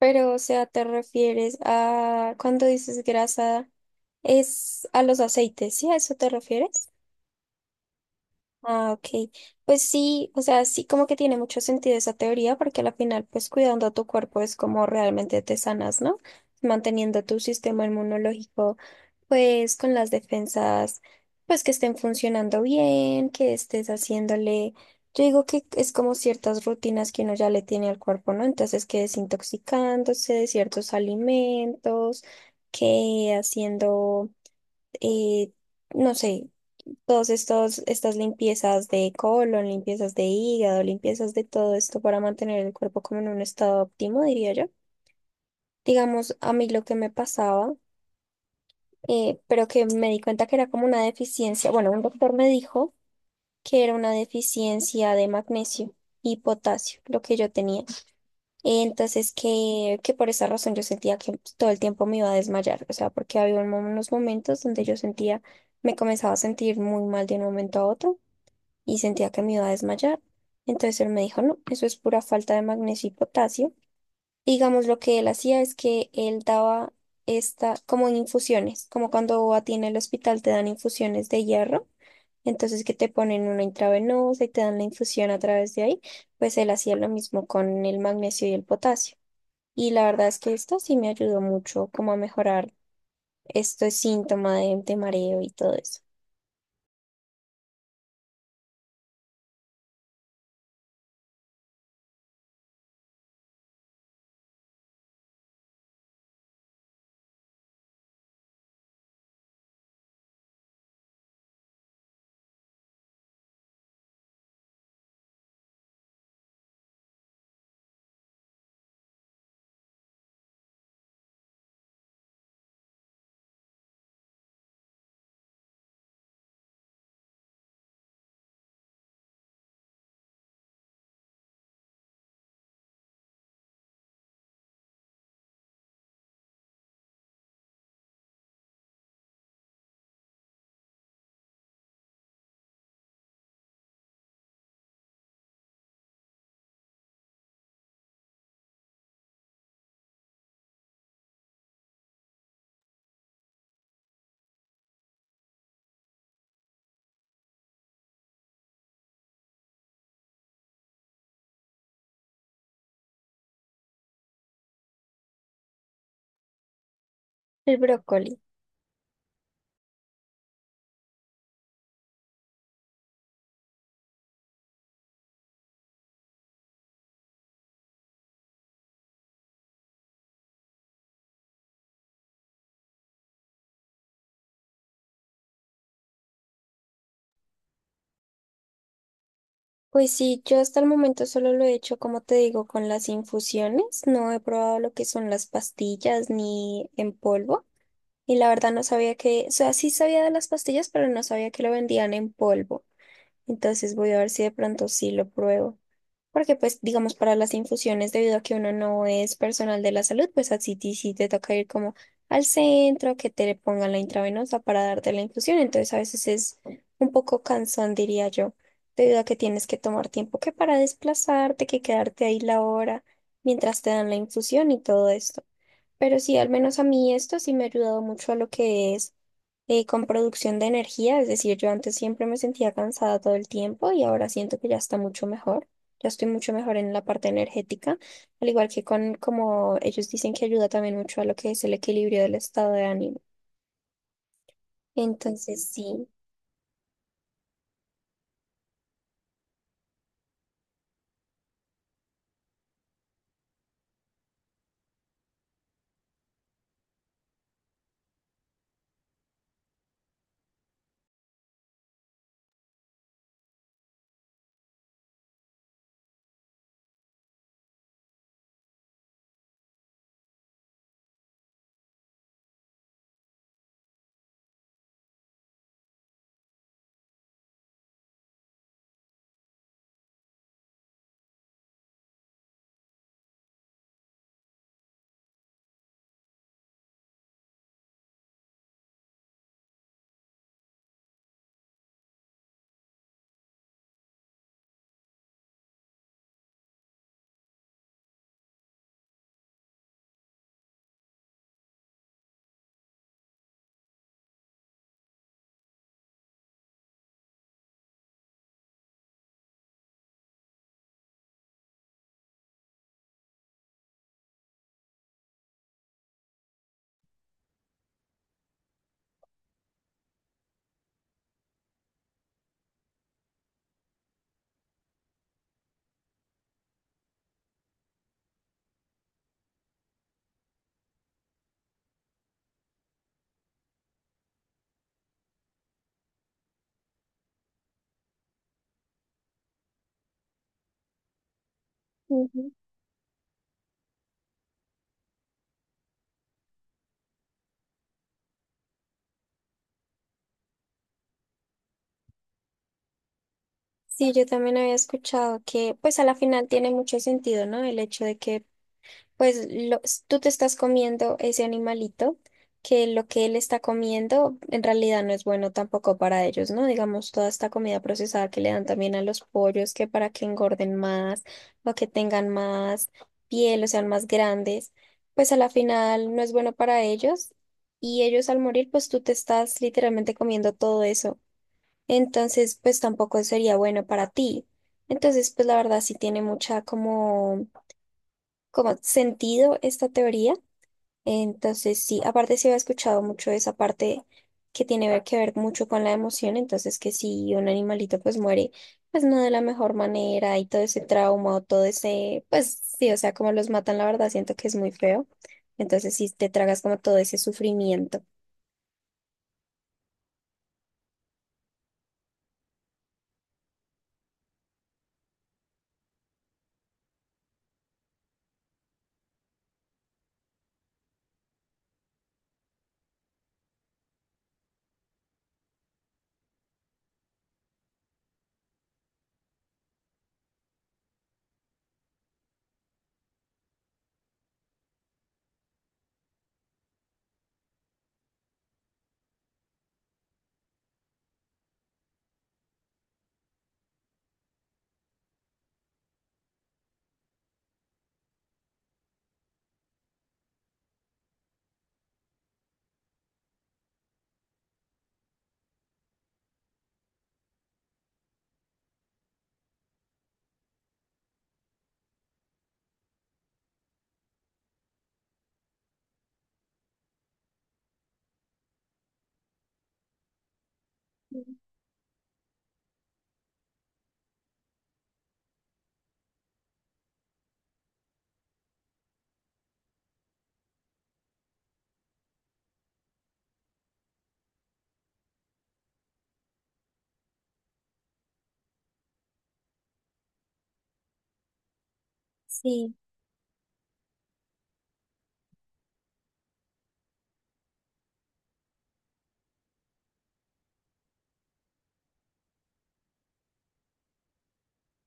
Pero, o sea, te refieres a cuando dices grasa, es a los aceites, ¿sí? ¿A eso te refieres? Ah, ok. Pues sí, o sea, sí como que tiene mucho sentido esa teoría porque al final pues cuidando a tu cuerpo es como realmente te sanas, ¿no? Manteniendo tu sistema inmunológico pues con las defensas pues que estén funcionando bien, que estés haciéndole, yo digo que es como ciertas rutinas que uno ya le tiene al cuerpo, ¿no? Entonces que desintoxicándose de ciertos alimentos, que haciendo, eh, no sé todas estos, estas limpiezas de colon, limpiezas de hígado, limpiezas de todo esto para mantener el cuerpo como en un estado óptimo, diría yo. Digamos, a mí lo que me pasaba, pero que me di cuenta que era como una deficiencia, bueno, un doctor me dijo que era una deficiencia de magnesio y potasio, lo que yo tenía. Entonces, que por esa razón yo sentía que todo el tiempo me iba a desmayar, o sea, porque había un unos momentos donde yo sentía, me comenzaba a sentir muy mal de un momento a otro y sentía que me iba a desmayar. Entonces él me dijo, no, eso es pura falta de magnesio y potasio. Y digamos, lo que él hacía es que él daba esta, como en infusiones, como cuando a ti en el hospital te dan infusiones de hierro, entonces que te ponen una intravenosa y te dan la infusión a través de ahí, pues él hacía lo mismo con el magnesio y el potasio. Y la verdad es que esto sí me ayudó mucho como a mejorar este síntoma de mareo y todo eso. El brócoli. Pues sí, yo hasta el momento solo lo he hecho, como te digo, con las infusiones. No he probado lo que son las pastillas ni en polvo. Y la verdad no sabía que, o sea, sí sabía de las pastillas, pero no sabía que lo vendían en polvo. Entonces voy a ver si de pronto sí lo pruebo. Porque pues digamos para las infusiones, debido a que uno no es personal de la salud, pues así ti sí te toca ir como al centro, que te pongan la intravenosa para darte la infusión. Entonces a veces es un poco cansón, diría yo, debido a que tienes que tomar tiempo que para desplazarte, que quedarte ahí la hora mientras te dan la infusión y todo esto. Pero sí, al menos a mí esto sí me ha ayudado mucho a lo que es con producción de energía. Es decir, yo antes siempre me sentía cansada todo el tiempo y ahora siento que ya está mucho mejor. Ya estoy mucho mejor en la parte energética, al igual que con como ellos dicen que ayuda también mucho a lo que es el equilibrio del estado de ánimo. Entonces, sí. Ujú. Sí, yo también había escuchado que, pues a la final tiene mucho sentido, ¿no? El hecho de que Pues tú te estás comiendo ese animalito, que lo que él está comiendo en realidad no es bueno tampoco para ellos, ¿no? Digamos, toda esta comida procesada que le dan también a los pollos, que para que engorden más o que tengan más piel o sean más grandes, pues a la final no es bueno para ellos y ellos al morir, pues tú te estás literalmente comiendo todo eso. Entonces, pues tampoco sería bueno para ti. Entonces, pues la verdad sí tiene mucha como sentido esta teoría. Entonces, sí, aparte se había escuchado mucho esa parte que tiene que ver mucho con la emoción, entonces que si un animalito pues muere, pues no de la mejor manera y todo ese trauma o todo ese, pues sí, o sea, como los matan, la verdad, siento que es muy feo. Entonces, sí, te tragas como todo ese sufrimiento. Sí.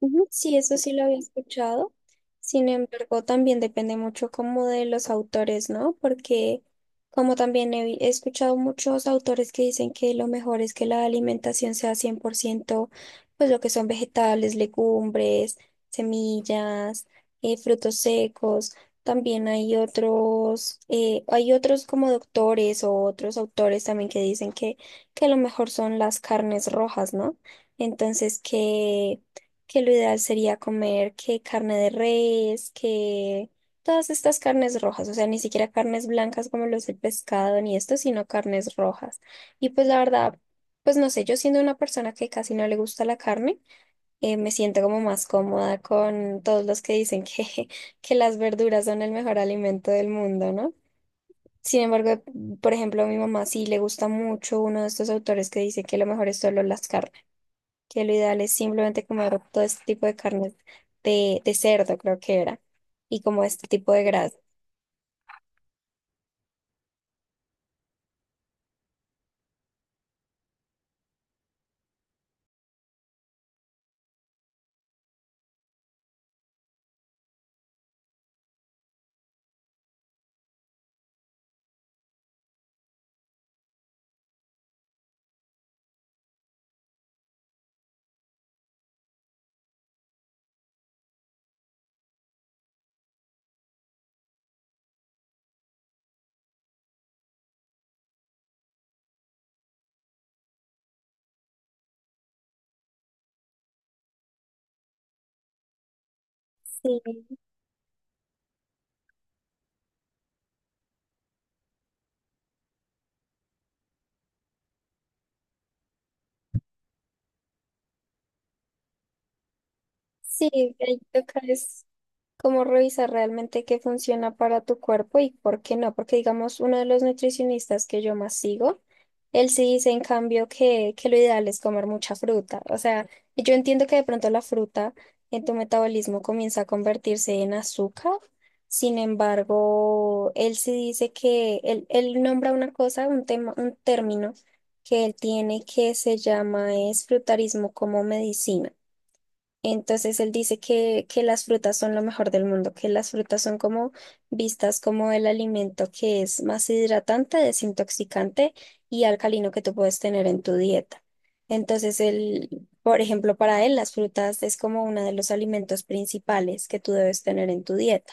Ujú, sí, eso sí lo había escuchado. Sin embargo, también depende mucho como de los autores, ¿no? Porque como también he escuchado muchos autores que dicen que lo mejor es que la alimentación sea 100% pues lo que son vegetales, legumbres, semillas, frutos secos. También hay otros como doctores o otros autores también que dicen que lo mejor son las carnes rojas, ¿no? Entonces que lo ideal sería comer que carne de res, que todas estas carnes rojas, o sea, ni siquiera carnes blancas como los del pescado ni esto, sino carnes rojas. Y pues la verdad, pues no sé, yo siendo una persona que casi no le gusta la carne, me siento como más cómoda con todos los que dicen que, que las verduras son el mejor alimento del mundo, ¿no? Sin embargo, por ejemplo, a mi mamá sí le gusta mucho uno de estos autores que dice que lo mejor es solo las carnes que lo ideal es simplemente comer todo este tipo de carnes de cerdo, creo que era, y como este tipo de grasa. Sí, sí, ahí toca es cómo revisar realmente qué funciona para tu cuerpo y por qué no, porque digamos, uno de los nutricionistas que yo más sigo, él sí dice en cambio que lo ideal es comer mucha fruta. O sea, yo entiendo que de pronto la fruta en tu metabolismo comienza a convertirse en azúcar. Sin embargo, él sí dice que él nombra una cosa, un tema, un término que él tiene que se llama es frutarismo como medicina. Entonces él dice que las frutas son lo mejor del mundo, que las frutas son como vistas como el alimento que es más hidratante, desintoxicante y alcalino que tú puedes tener en tu dieta. Entonces él por ejemplo, para él las frutas es como uno de los alimentos principales que tú debes tener en tu dieta.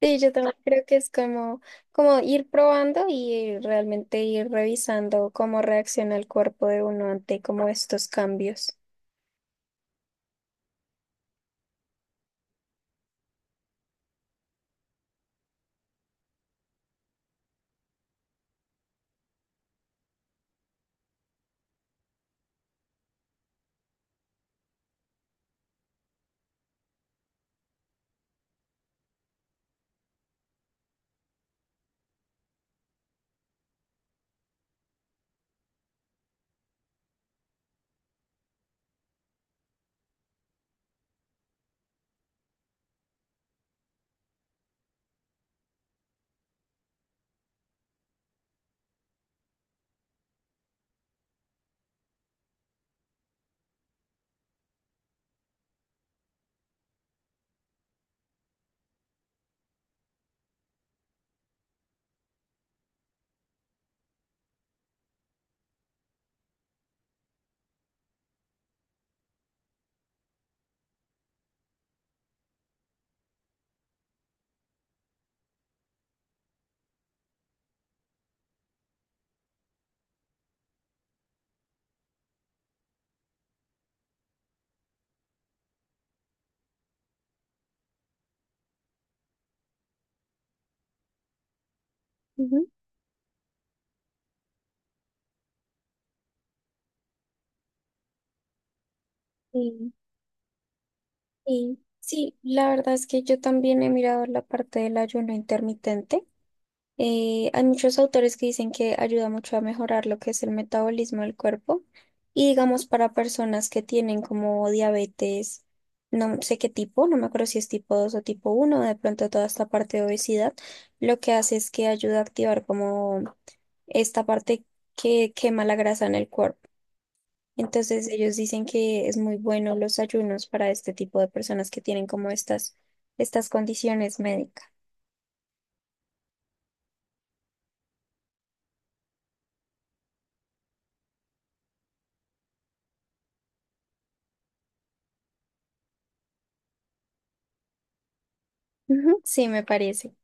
Sí, yo también creo que es como, como ir probando y realmente ir revisando cómo reacciona el cuerpo de uno ante como estos cambios. Ujú. Sí, sí, la verdad es que yo también he mirado la parte del ayuno intermitente. Hay muchos autores que dicen que ayuda mucho a mejorar lo que es el metabolismo del cuerpo y digamos para personas que tienen como diabetes, no sé qué tipo, no me acuerdo si es tipo 2 o tipo 1. De pronto toda esta parte de obesidad, lo que hace es que ayuda a activar como esta parte que quema la grasa en el cuerpo. Entonces ellos dicen que es muy bueno los ayunos para este tipo de personas que tienen como estas, estas condiciones médicas. Ujú, sí, me parece.